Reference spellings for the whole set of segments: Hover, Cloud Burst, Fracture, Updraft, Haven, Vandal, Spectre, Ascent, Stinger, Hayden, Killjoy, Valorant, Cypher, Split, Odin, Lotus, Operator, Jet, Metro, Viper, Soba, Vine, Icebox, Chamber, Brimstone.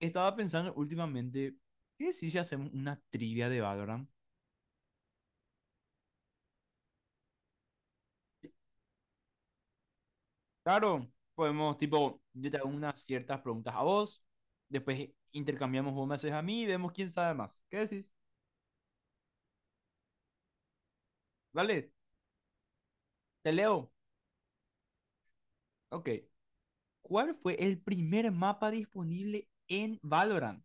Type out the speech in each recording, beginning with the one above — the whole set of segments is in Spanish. Estaba pensando últimamente, ¿qué si hacemos una trivia de Valorant? Claro, podemos, tipo, yo te hago unas ciertas preguntas a vos, después intercambiamos, vos me haces a mí y vemos quién sabe más. ¿Qué decís? Vale, te leo. Ok. ¿Cuál fue el primer mapa disponible en Valorant?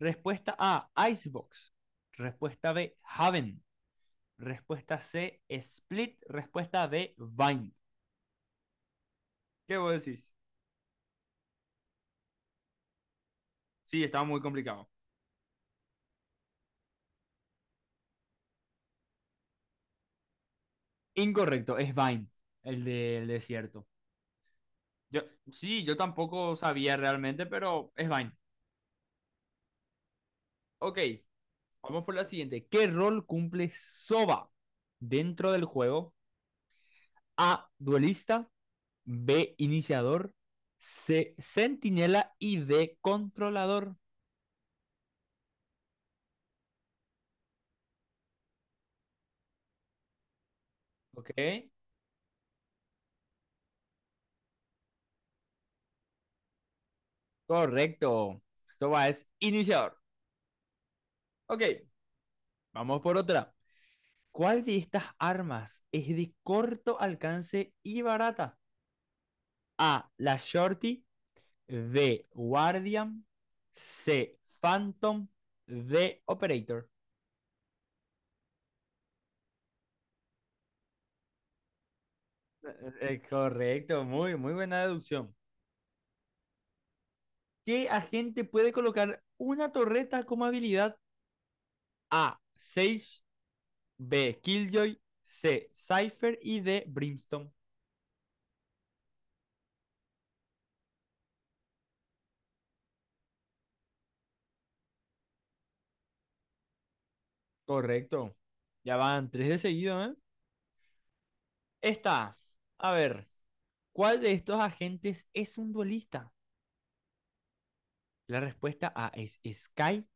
Respuesta A, Icebox. Respuesta B, Haven. Respuesta C, Split. Respuesta D, Vine. ¿Qué vos decís? Sí, estaba muy complicado. Incorrecto, es Vine, el del desierto. Yo, sí, yo tampoco sabía realmente, pero es Vine. Ok, vamos por la siguiente. ¿Qué rol cumple Soba dentro del juego? A, duelista, B, iniciador, C, centinela y D, controlador. Ok, correcto. Soba es iniciador. Ok, vamos por otra. ¿Cuál de estas armas es de corto alcance y barata? A, la shorty, D. Guardian. C. Phantom. D. Operator. Correcto, muy, muy buena deducción. ¿Qué agente puede colocar una torreta como habilidad? A. Sage. B. Killjoy. C. Cypher. Y D. Brimstone. Correcto. Ya van tres de seguido, ¿eh? Esta. A ver. ¿Cuál de estos agentes es un duelista? La respuesta A es Sky.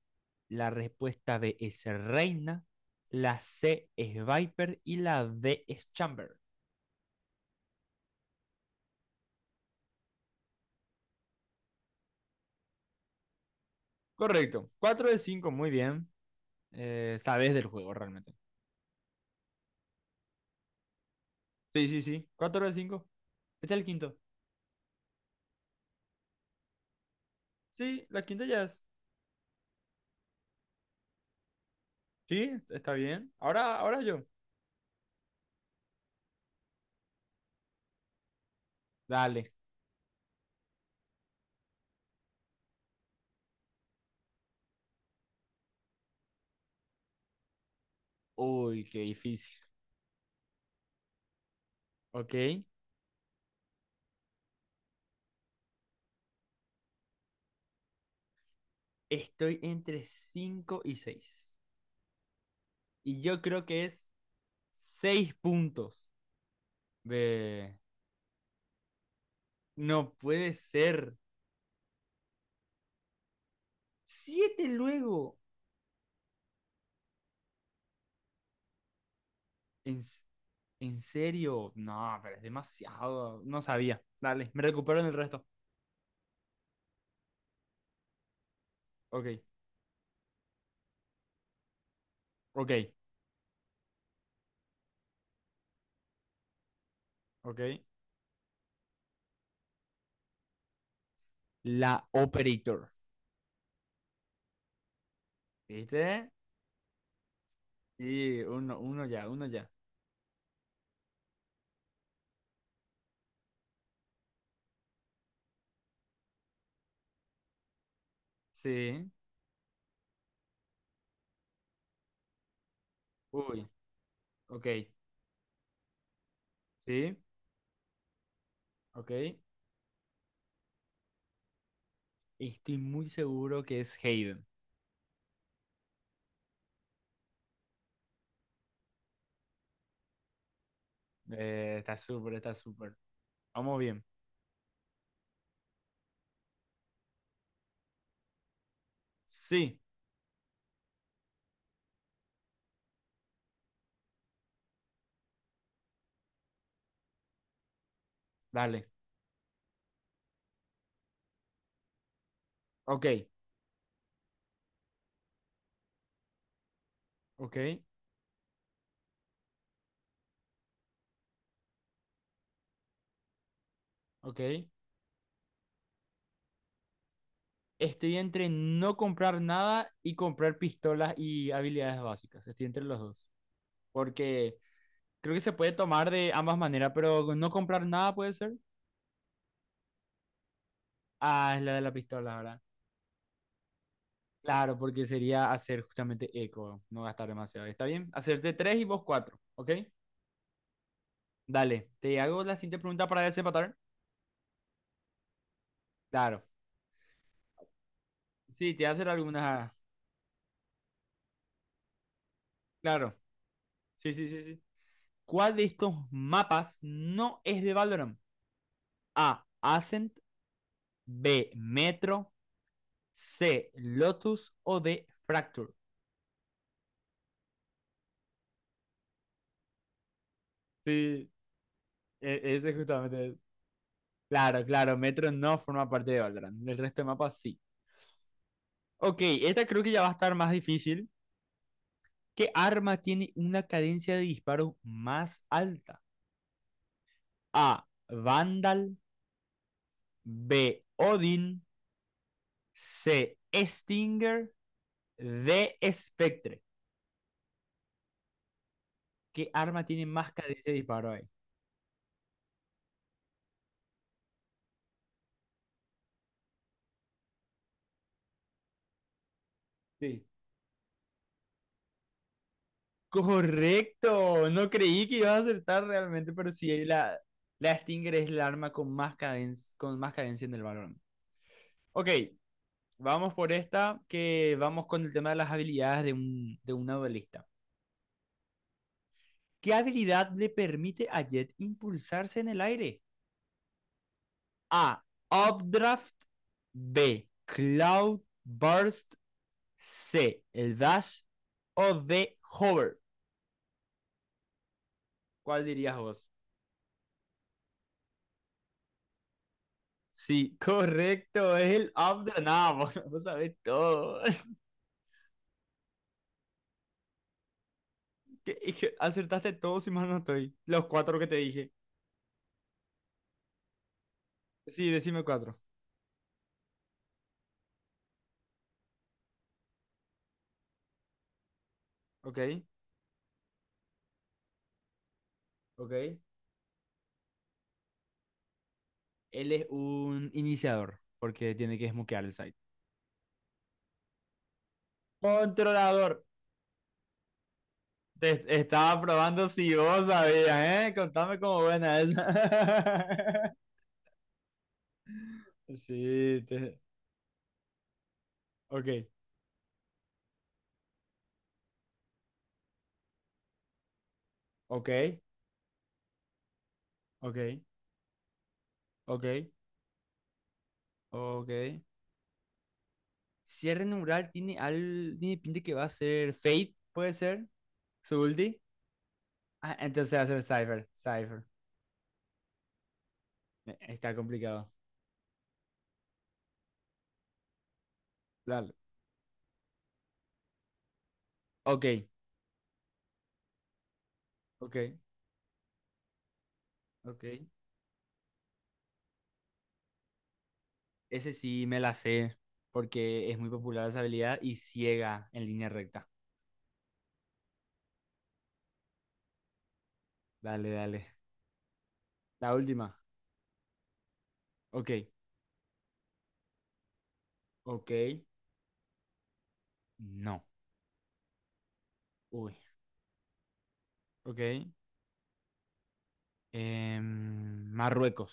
La respuesta B es reina. La C es Viper y la D es Chamber. Correcto. Cuatro de 5, muy bien. Sabes del juego realmente. Sí, sí, sí. Cuatro de 5. Este es el quinto. Sí, la quinta ya es. Sí, está bien. Ahora, ahora yo. Dale. Uy, qué difícil. Ok. Estoy entre 5 y seis. Y yo creo que es 6 puntos de... No puede ser. Siete luego. ¿En, en serio? No, pero es demasiado. No sabía. Dale, me recupero en el resto. Ok, ok, ok. La Operator. ¿Viste? Y uno, uno ya, uno ya. Sí. Uy, ok. Sí, ok. Estoy muy seguro que es Hayden. Está súper, está súper. Vamos bien. Sí, dale. Ok, ok, ok. Estoy entre no comprar nada y comprar pistolas y habilidades básicas. Estoy entre los dos. Porque creo que se puede tomar de ambas maneras, pero no comprar nada puede ser. Ah, es la de la pistola, ¿verdad? Claro, porque sería hacer justamente eco, no gastar demasiado. ¿Está bien? Hacerte tres y vos cuatro, ¿ok? Dale, te hago la siguiente pregunta para desempatar. Claro. Sí, te voy a hacer algunas. Claro. Sí, sí, sí, sí. ¿Cuál de estos mapas no es de Valorant? A. Ascent. B. Metro. C. Lotus o D. Fracture. Sí, ese justamente. Claro, claro, Metro no forma parte de Valorant. El resto de mapas sí. Ok, esta creo que ya va a estar más difícil. ¿Qué arma tiene una cadencia de disparo más alta? A. Vandal. B. Odin. C. Stinger. D. Spectre. ¿Qué arma tiene más cadencia de disparo ahí? Sí. Correcto, no creí que ibas a acertar realmente, pero sí, la, la Stinger es el arma con más cadencia en el balón. Ok, vamos por esta, que vamos con el tema de las habilidades de un, de una duelista. ¿Qué habilidad le permite a Jet impulsarse en el aire? A. Updraft. B. Cloud Burst. C. El Dash. O D. Hover. ¿Cuál dirías vos? Sí, correcto, es el up de nada, vos, vos sabés todo. Es que acertaste todo si mal no estoy. Los cuatro que te dije. Sí, decime cuatro. Ok, ok. Él es un iniciador, porque tiene que smokear el site. Controlador. Te estaba probando si vos sabías, ¿eh? Contame cómo buena es. Sí, te... Ok, ok, ok, ok, ok. Cierre neural tiene, al, tiene pinta que va a ser Fate, puede ser, su ulti. Ah, entonces va a ser Cypher, Cypher. Está complicado. Claro. Ok, ok, ok. Ese sí me la sé, porque es muy popular esa habilidad y ciega en línea recta. Dale, dale. La última. Ok, ok. No. Uy, ok. Marruecos.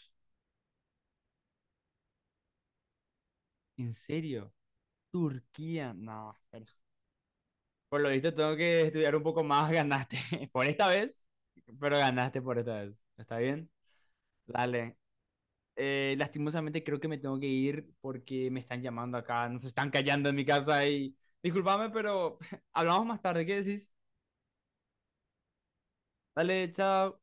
¿En serio? Turquía. No, espera. Por lo visto tengo que estudiar un poco más, ganaste por esta vez, pero ganaste por esta vez. ¿Está bien? Dale. Lastimosamente creo que me tengo que ir porque me están llamando acá, nos están callando en mi casa y discúlpame, pero hablamos más tarde, ¿qué decís? Dale, chao.